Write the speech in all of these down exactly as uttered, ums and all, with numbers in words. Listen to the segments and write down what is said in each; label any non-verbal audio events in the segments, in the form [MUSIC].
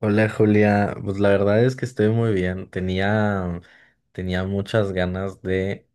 Hola Julia, pues la verdad es que estoy muy bien. Tenía, tenía muchas ganas de,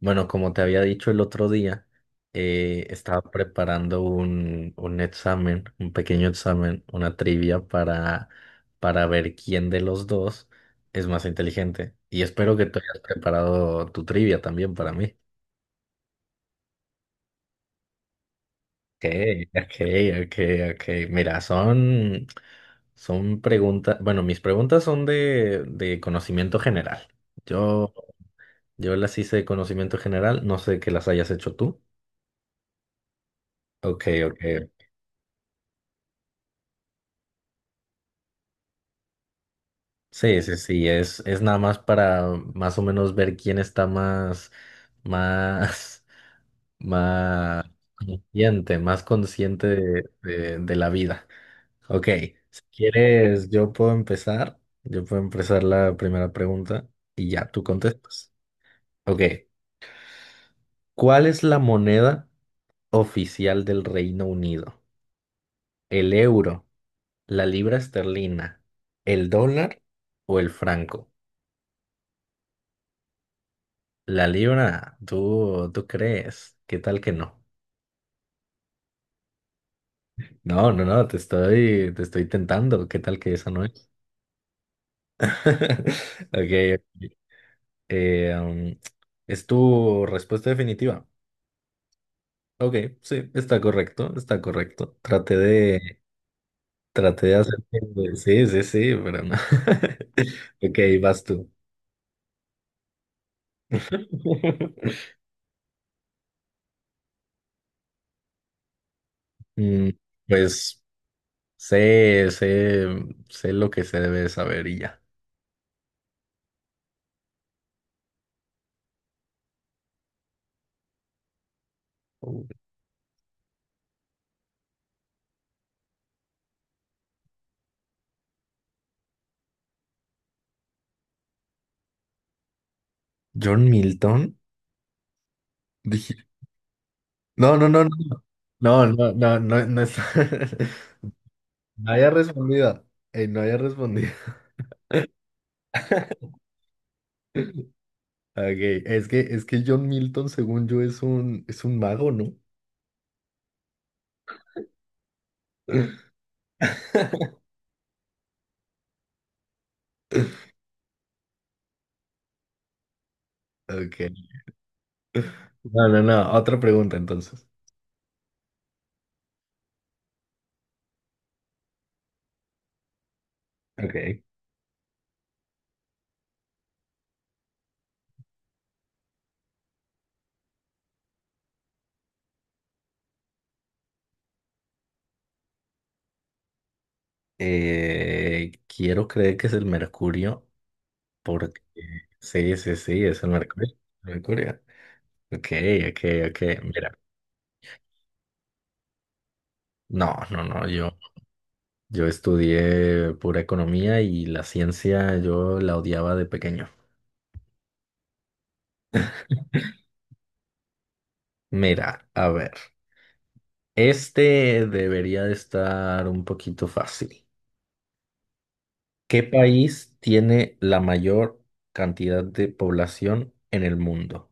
bueno, como te había dicho el otro día, eh, estaba preparando un, un examen, un pequeño examen, una trivia para, para ver quién de los dos es más inteligente. Y espero que tú hayas preparado tu trivia también para mí. Okay, okay, okay, okay. Mira, son, son preguntas, bueno, mis preguntas son de, de conocimiento general. Yo, yo las hice de conocimiento general, no sé que las hayas hecho tú. Okay, okay. Sí, sí, sí, es, es nada más para más o menos ver quién está más, más, [LAUGHS] más consciente, más consciente de, de de la vida. Ok, si quieres, yo puedo empezar. Yo puedo empezar la primera pregunta y ya tú contestas. Ok, ¿cuál es la moneda oficial del Reino Unido? ¿El euro, la libra esterlina, el dólar o el franco? La libra, ¿tú, tú crees? ¿Qué tal que no? No, no, no, te estoy, te estoy tentando. ¿Qué tal que esa no es? [LAUGHS] Ok, ok. Eh, um, ¿es tu respuesta definitiva? Ok, sí, está correcto, está correcto. Traté de, traté de hacer... Sí, sí, sí, pero no. [LAUGHS] Ok, vas tú. [LAUGHS] Mm, pues sé, sé, sé lo que se debe saber y ya. John Milton, dije, no, no, no, no, no, no, no, no, no es- [LAUGHS] no haya respondido, eh, no haya respondido. [LAUGHS] Okay, es que, es que John Milton, según yo, es un, es un mago, ¿no? [LAUGHS] Ok, no, no, no. Otra pregunta entonces. Ok. Eh, quiero creer que es el mercurio porque... Sí, sí, sí, es el mercurio. El mercurio. Ok, ok, ok. Mira. No, no, no. Yo, yo estudié pura economía y la ciencia yo la odiaba de pequeño. Mira, a ver. Este debería de estar un poquito fácil. ¿Qué país tiene la mayor cantidad de población en el mundo?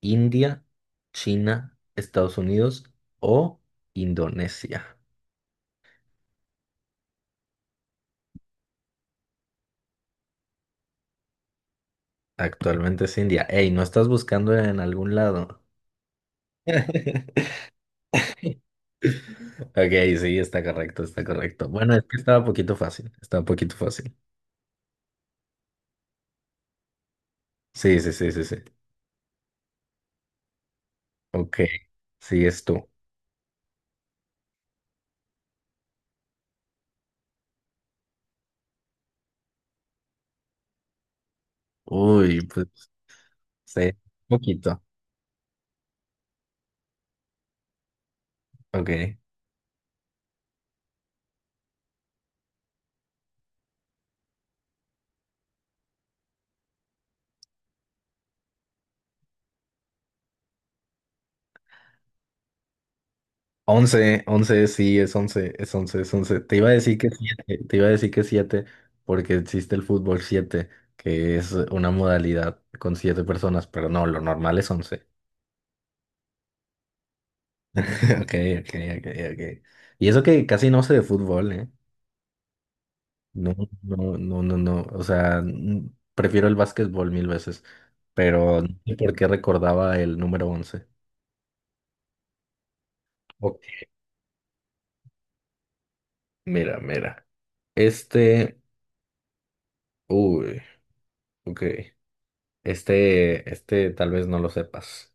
India, China, Estados Unidos o Indonesia. Actualmente es India. Ey, ¿no estás buscando en algún lado? [LAUGHS] Ok, sí, está correcto, está correcto. Bueno, es que estaba un poquito fácil, estaba un poquito fácil. Sí, sí, sí, sí, sí. Ok, sí, es tú. Uy, pues, sí, poquito. Ok. Once, once, sí, es once, es once, es once. Te iba a decir que siete, te iba a decir que siete, porque existe el fútbol siete, que es una modalidad con siete personas, pero no, lo normal es once. [LAUGHS] Ok, ok, ok, ok. Y eso que casi no sé de fútbol, ¿eh? No, no, no, no, no. O sea, n- prefiero el básquetbol mil veces, pero no sé por qué recordaba el número once? Ok, mira, mira. Este, uy, ok. Este, este tal vez no lo sepas.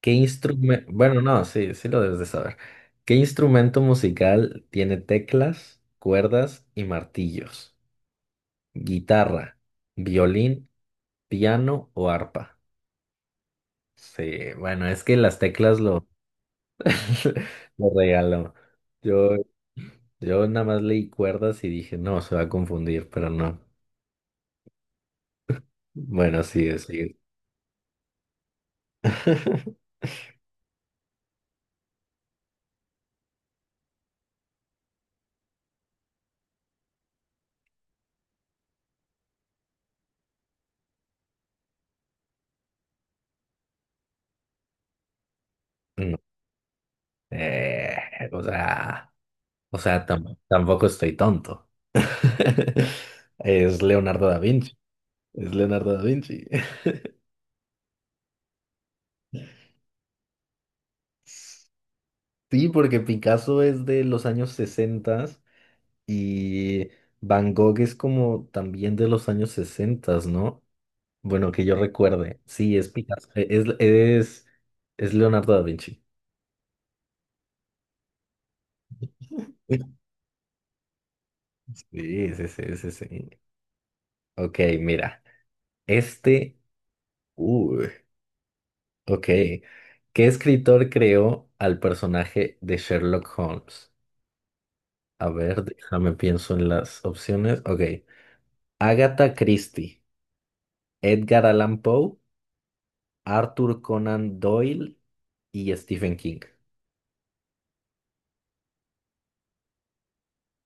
¿Qué instrumento? Bueno, no, sí, sí lo debes de saber. ¿Qué instrumento musical tiene teclas, cuerdas y martillos? ¿Guitarra, violín, piano o arpa? Sí, bueno, es que las teclas lo, [LAUGHS] lo regaló. Yo, yo nada más leí cuerdas y dije, no, se va a confundir, pero no. Bueno, sí, sí. [LAUGHS] No. Eh, o sea. O sea, tam- tampoco estoy tonto. [LAUGHS] Es Leonardo da Vinci. Es Leonardo da Vinci. [LAUGHS] Sí, porque Picasso es de los años sesenta y Van Gogh es como también de los años sesenta, ¿no? Bueno, que yo recuerde. Sí, es Picasso. e- Es, es, es Leonardo da Vinci. [LAUGHS] Sí, sí, sí, sí, sí. Ok, mira. Este. uh, Ok. ¿Qué escritor creó al personaje de Sherlock Holmes? A ver, déjame pienso en las opciones. Ok. Agatha Christie, Edgar Allan Poe, Arthur Conan Doyle y Stephen King.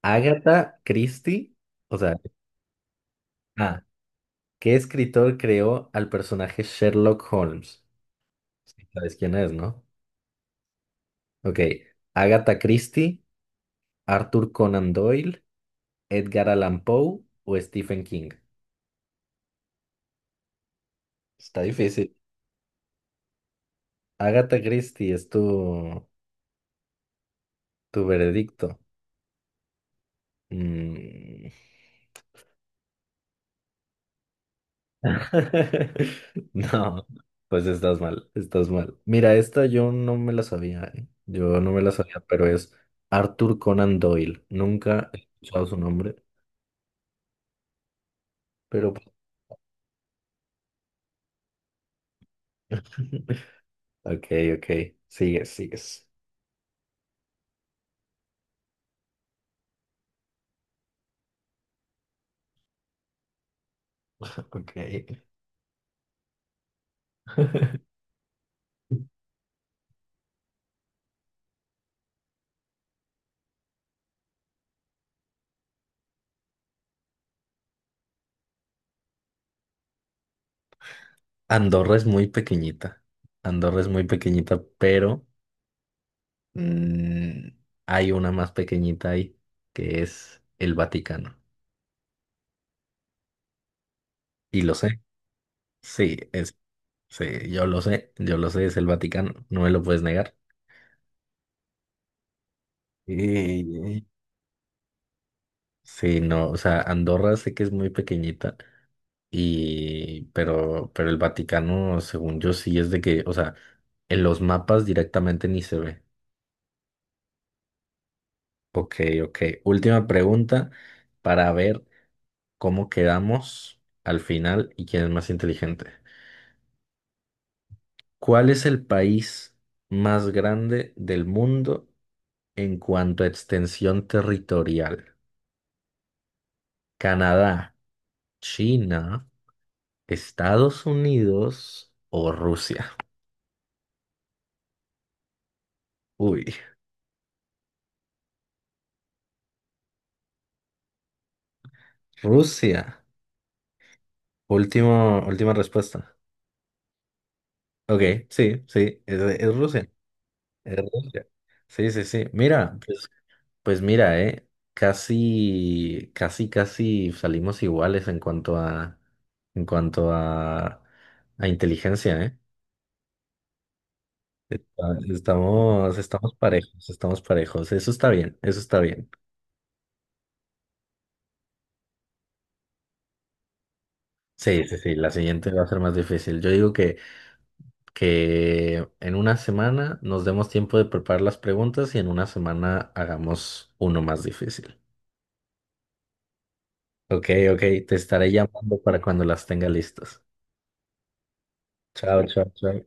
Agatha Christie, o sea, ah, ¿qué escritor creó al personaje Sherlock Holmes? Sí, sabes quién es, ¿no? Ok. Agatha Christie, Arthur Conan Doyle, Edgar Allan Poe o Stephen King. Está difícil. Agatha Christie es tu, tu veredicto. Mm. [LAUGHS] No, pues estás mal, estás mal. Mira, esta yo no me la sabía, ¿eh? Yo no me la sabía, pero es Arthur Conan Doyle. Nunca he escuchado su nombre, pero... [LAUGHS] Ok, ok, sigues, sigues. Ok. Andorra es muy pequeñita. Andorra es muy pequeñita, pero mm, hay una más pequeñita ahí, que es el Vaticano. Y lo sé, sí, es, sí, yo lo sé, yo lo sé, es el Vaticano, no me lo puedes negar. Ey, sí, no, o sea, Andorra sé que es muy pequeñita y pero pero el Vaticano, según yo sí es de que, o sea, en los mapas directamente ni se ve. Ok, ok. Última pregunta para ver cómo quedamos al final y quién es más inteligente. ¿Cuál es el país más grande del mundo en cuanto a extensión territorial, Canadá, China, Estados Unidos o Rusia. Uy, Rusia. Último, última respuesta. Ok, sí, sí, es, es Rusia. Es Rusia. Sí, sí, sí. Mira, pues, pues mira, eh, casi, casi, casi salimos iguales en cuanto a, en cuanto a, a inteligencia, eh. Ah, estamos, estamos parejos, estamos parejos. Eso está bien, eso está bien. Sí, sí, sí, la siguiente va a ser más difícil. Yo digo que, que en una semana nos demos tiempo de preparar las preguntas y en una semana hagamos uno más difícil. Ok, ok, te estaré llamando para cuando las tenga listas. Chao, chao, chao.